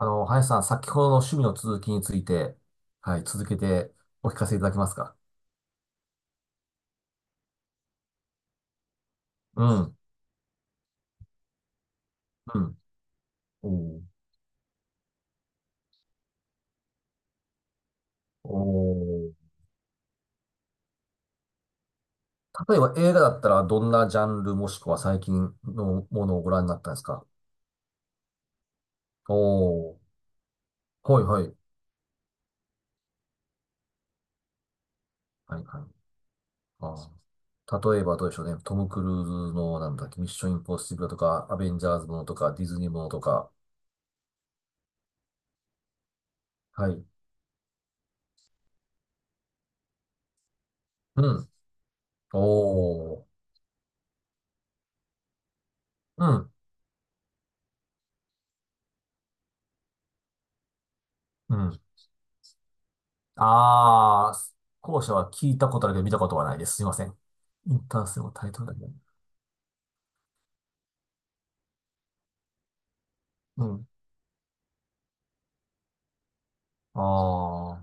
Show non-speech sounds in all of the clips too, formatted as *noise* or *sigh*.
林さん、先ほどの趣味の続きについて、はい、続けてお聞かせいただけますか？うん、うん。おー。おー。例えば映画だったら、どんなジャンルもしくは最近のものをご覧になったんですか？おー、はい、はい。はい、はい。あー例えばどうでしょうね。トム・クルーズの、なんだっけ、ミッション・インポッシブルとか、アベンジャーズものとか、ディズニーものとか。はい。うん。おー。うん。うん。ああ、後者は聞いたことあるけど見たことはないです。すいません。インターセルのタイトルだけど。うん。あ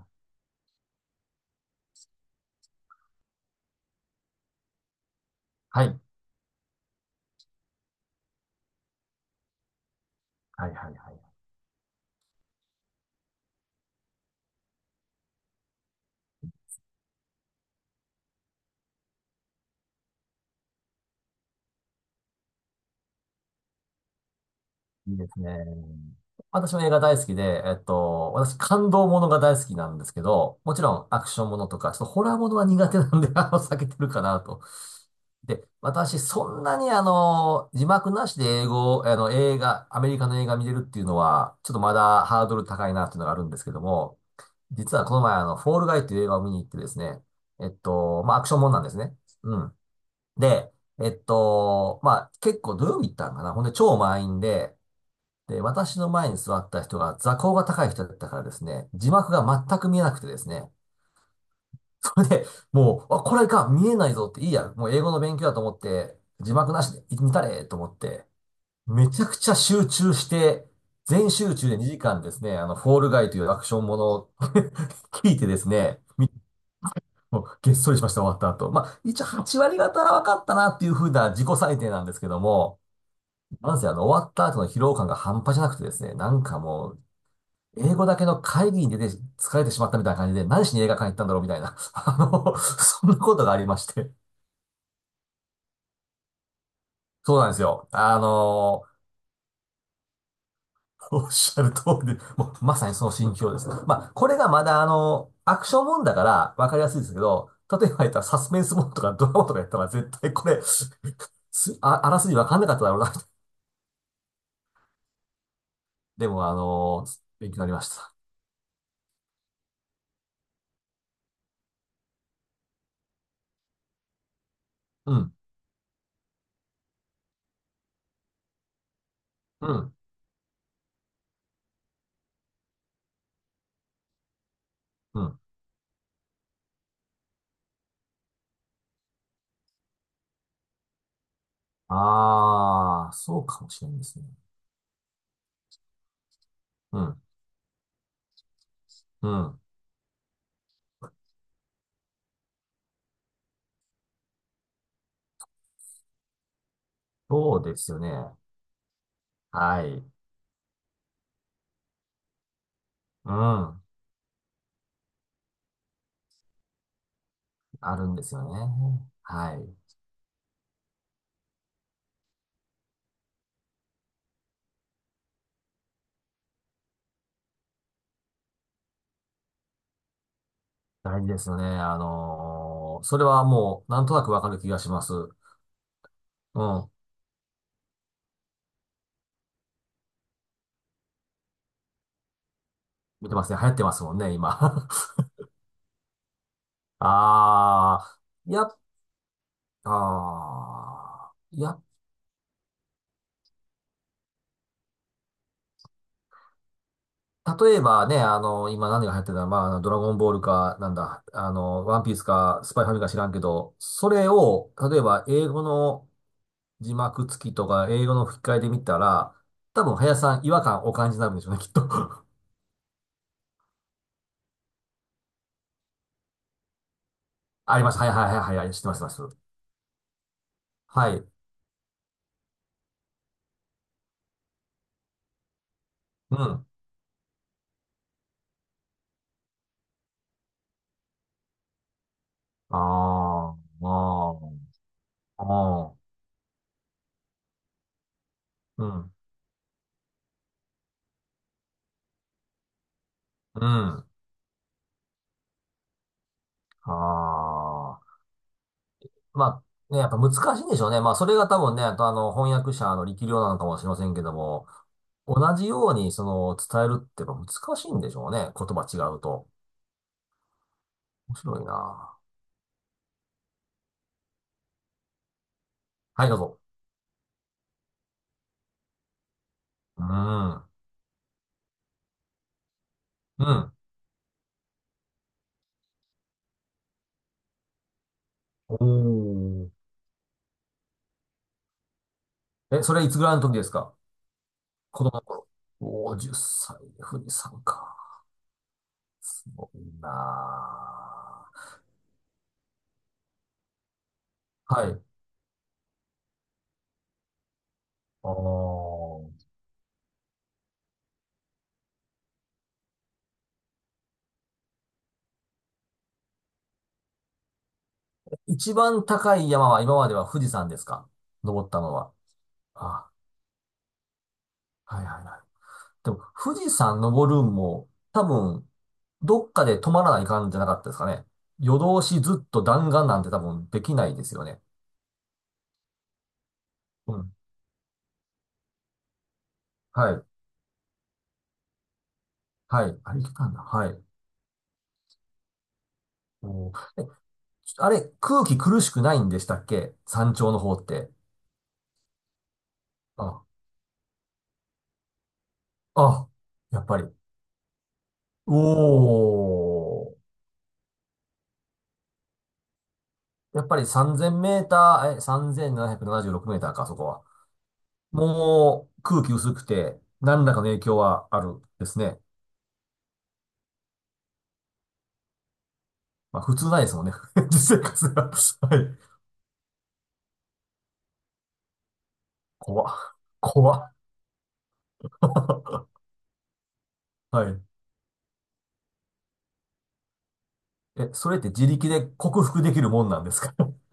あ、はい。はいはいはい。いいですね。私も映画大好きで、私感動ものが大好きなんですけど、もちろんアクションものとか、ちょっとホラーものは苦手なんで、*laughs* 避けてるかなと。で、私、そんなに字幕なしで英語、映画、アメリカの映画見れるっていうのは、ちょっとまだハードル高いなっていうのがあるんですけども、実はこの前フォールガイっていう映画を見に行ってですね、まあ、アクションもんなんですね。うん。で、まあ、結構土曜日行ったんかな。ほんで、超満員で、で、私の前に座った人が座高が高い人だったからですね、字幕が全く見えなくてですね、*laughs* それで、もう、あ、これか、見えないぞって、いいや、もう英語の勉強だと思って、字幕なしで見たれと思って、めちゃくちゃ集中して、全集中で2時間ですね、フォールガイというアクションものを *laughs* 聞いてですね、もうげっそりしました、終わった後。まあ、一応8割方は分かったなっていうふうな自己採点なんですけども、なんせ終わった後の疲労感が半端じゃなくてですね、なんかもう、英語だけの会議に出て疲れてしまったみたいな感じで、何しに映画館行ったんだろうみたいな、*laughs* そんなことがありまして。そうなんですよ。*laughs* おっしゃる通りで、もうまさにその心境です。まあ、これがまだアクションもんだからわかりやすいですけど、例えば言ったらサスペンスもんとかドラマとかやったら絶対これす、あ、あらすじわかんなかっただろうな。でも勉強になりました。うん、うん、うん。ああ、そうかもしれないですね。うん、うん。そうですよね。はい。うん。あるんですよね。はい。大事ですよね。それはもう、なんとなくわかる気がします。うん。見てますね。流行ってますもんね、今。*laughs* ああ、や、ああ、や、例えばね、今何が流行ってたら、まあ、ドラゴンボールか、なんだ、ワンピースか、スパイファミか知らんけど、それを、例えば英語の字幕付きとか、英語の吹き替えで見たら、多分、林さん違和感お感じになるんでしょうね、きっと。*laughs* あります。はいはいはいはい、はい知ってます、知ってます。はい。うん。ああ、ああ、ああ、うん、うん、ああ。まあ、ね、やっぱ難しいんでしょうね。まあ、それが多分ね、あと翻訳者の力量なのかもしれませんけども、同じようにその、伝えるってやっぱ難しいんでしょうね。言葉違うと。面白いな。はい、どうぞ。うん、うん。おー。え、それいつぐらいの時ですか？子供の頃。おー、10歳、富士山か。すごいなあ。はい。ああ。一番高い山は今までは富士山ですか？登ったのは。あ、はいはいはい。でも、富士山登るんも、多分、どっかで止まらない感じじゃなかったですかね。夜通しずっと弾丸なんて多分できないですよね。うん。はい。はい。あれ、いけたんだ。はい。おーえ、あれ、空気苦しくないんでしたっけ山頂の方って。あ、あ、やっぱり。おー。やっぱり3000メーター、3776メーターか、そこは。もう空気薄くて、何らかの影響はあるですね。まあ普通ないですもんね。*laughs* 実生活が。はい。怖っ。怖っ。*laughs* はい。え、それって自力で克服できるもんなんですか？ *laughs*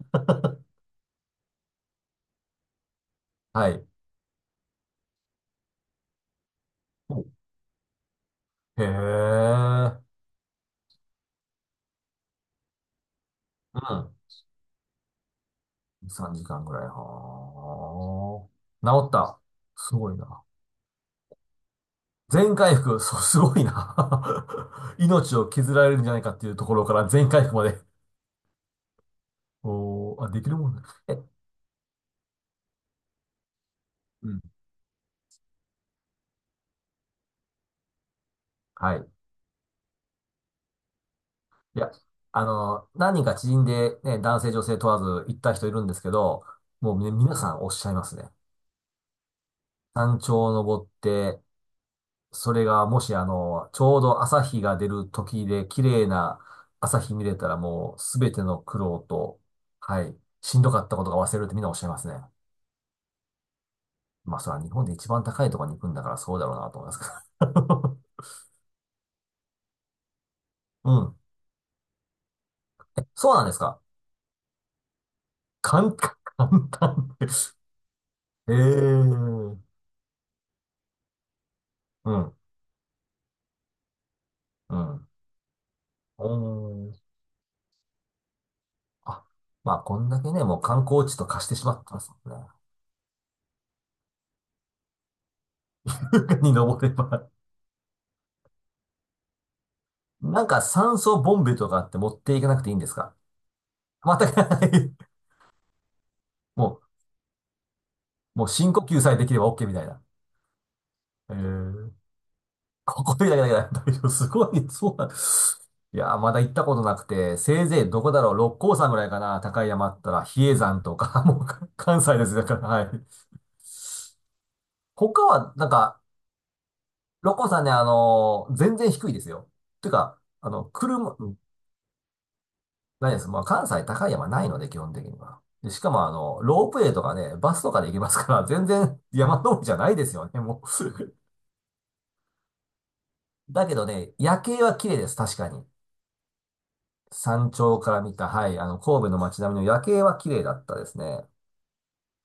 はい。おへえ。うん。3時間ぐらい。はあ。治った。すごいな。全回復。そう、すごいな。*laughs* 命を削られるんじゃないかっていうところから全回復まで。おー、あ、できるもんだ。え、うん。はい。いや、何人か知人でね、男性女性問わず行った人いるんですけど、もうね、皆さんおっしゃいますね。山頂を登って、それがもしちょうど朝日が出る時で綺麗な朝日見れたらもうすべての苦労と、はい、しんどかったことが忘れるってみんなおっしゃいますね。まあそれは日本で一番高いところに行くんだからそうだろうなと思いますけど。*laughs* うん。そうなんですか。簡単、簡単でて。ええうん、うん。おーあ。まあ、こんだけね、もう観光地と化してしまってますもんね。*laughs* に登れば。なんか酸素ボンベとかって持っていかなくていいんですか？全くない。*laughs* もう、もう深呼吸さえできれば OK みたいな。えー、ここでだけだけだ。大丈夫。すごい。そうなんいやー、まだ行ったことなくて、せいぜいどこだろう。六甲山ぐらいかな。高い山あったら、比叡山とか、*laughs* もうか関西です。だから、はい。他は、なんか、六甲山ね、全然低いですよ。てか、車、ないです。まあ、関西高い山ないので、基本的には。で、しかも、ロープウェイとかね、バスとかで行けますから、*laughs* 全然山登りじゃないですよね、もう。*laughs* だけどね、夜景は綺麗です、確かに。山頂から見た、はい、神戸の街並みの夜景は綺麗だったですね。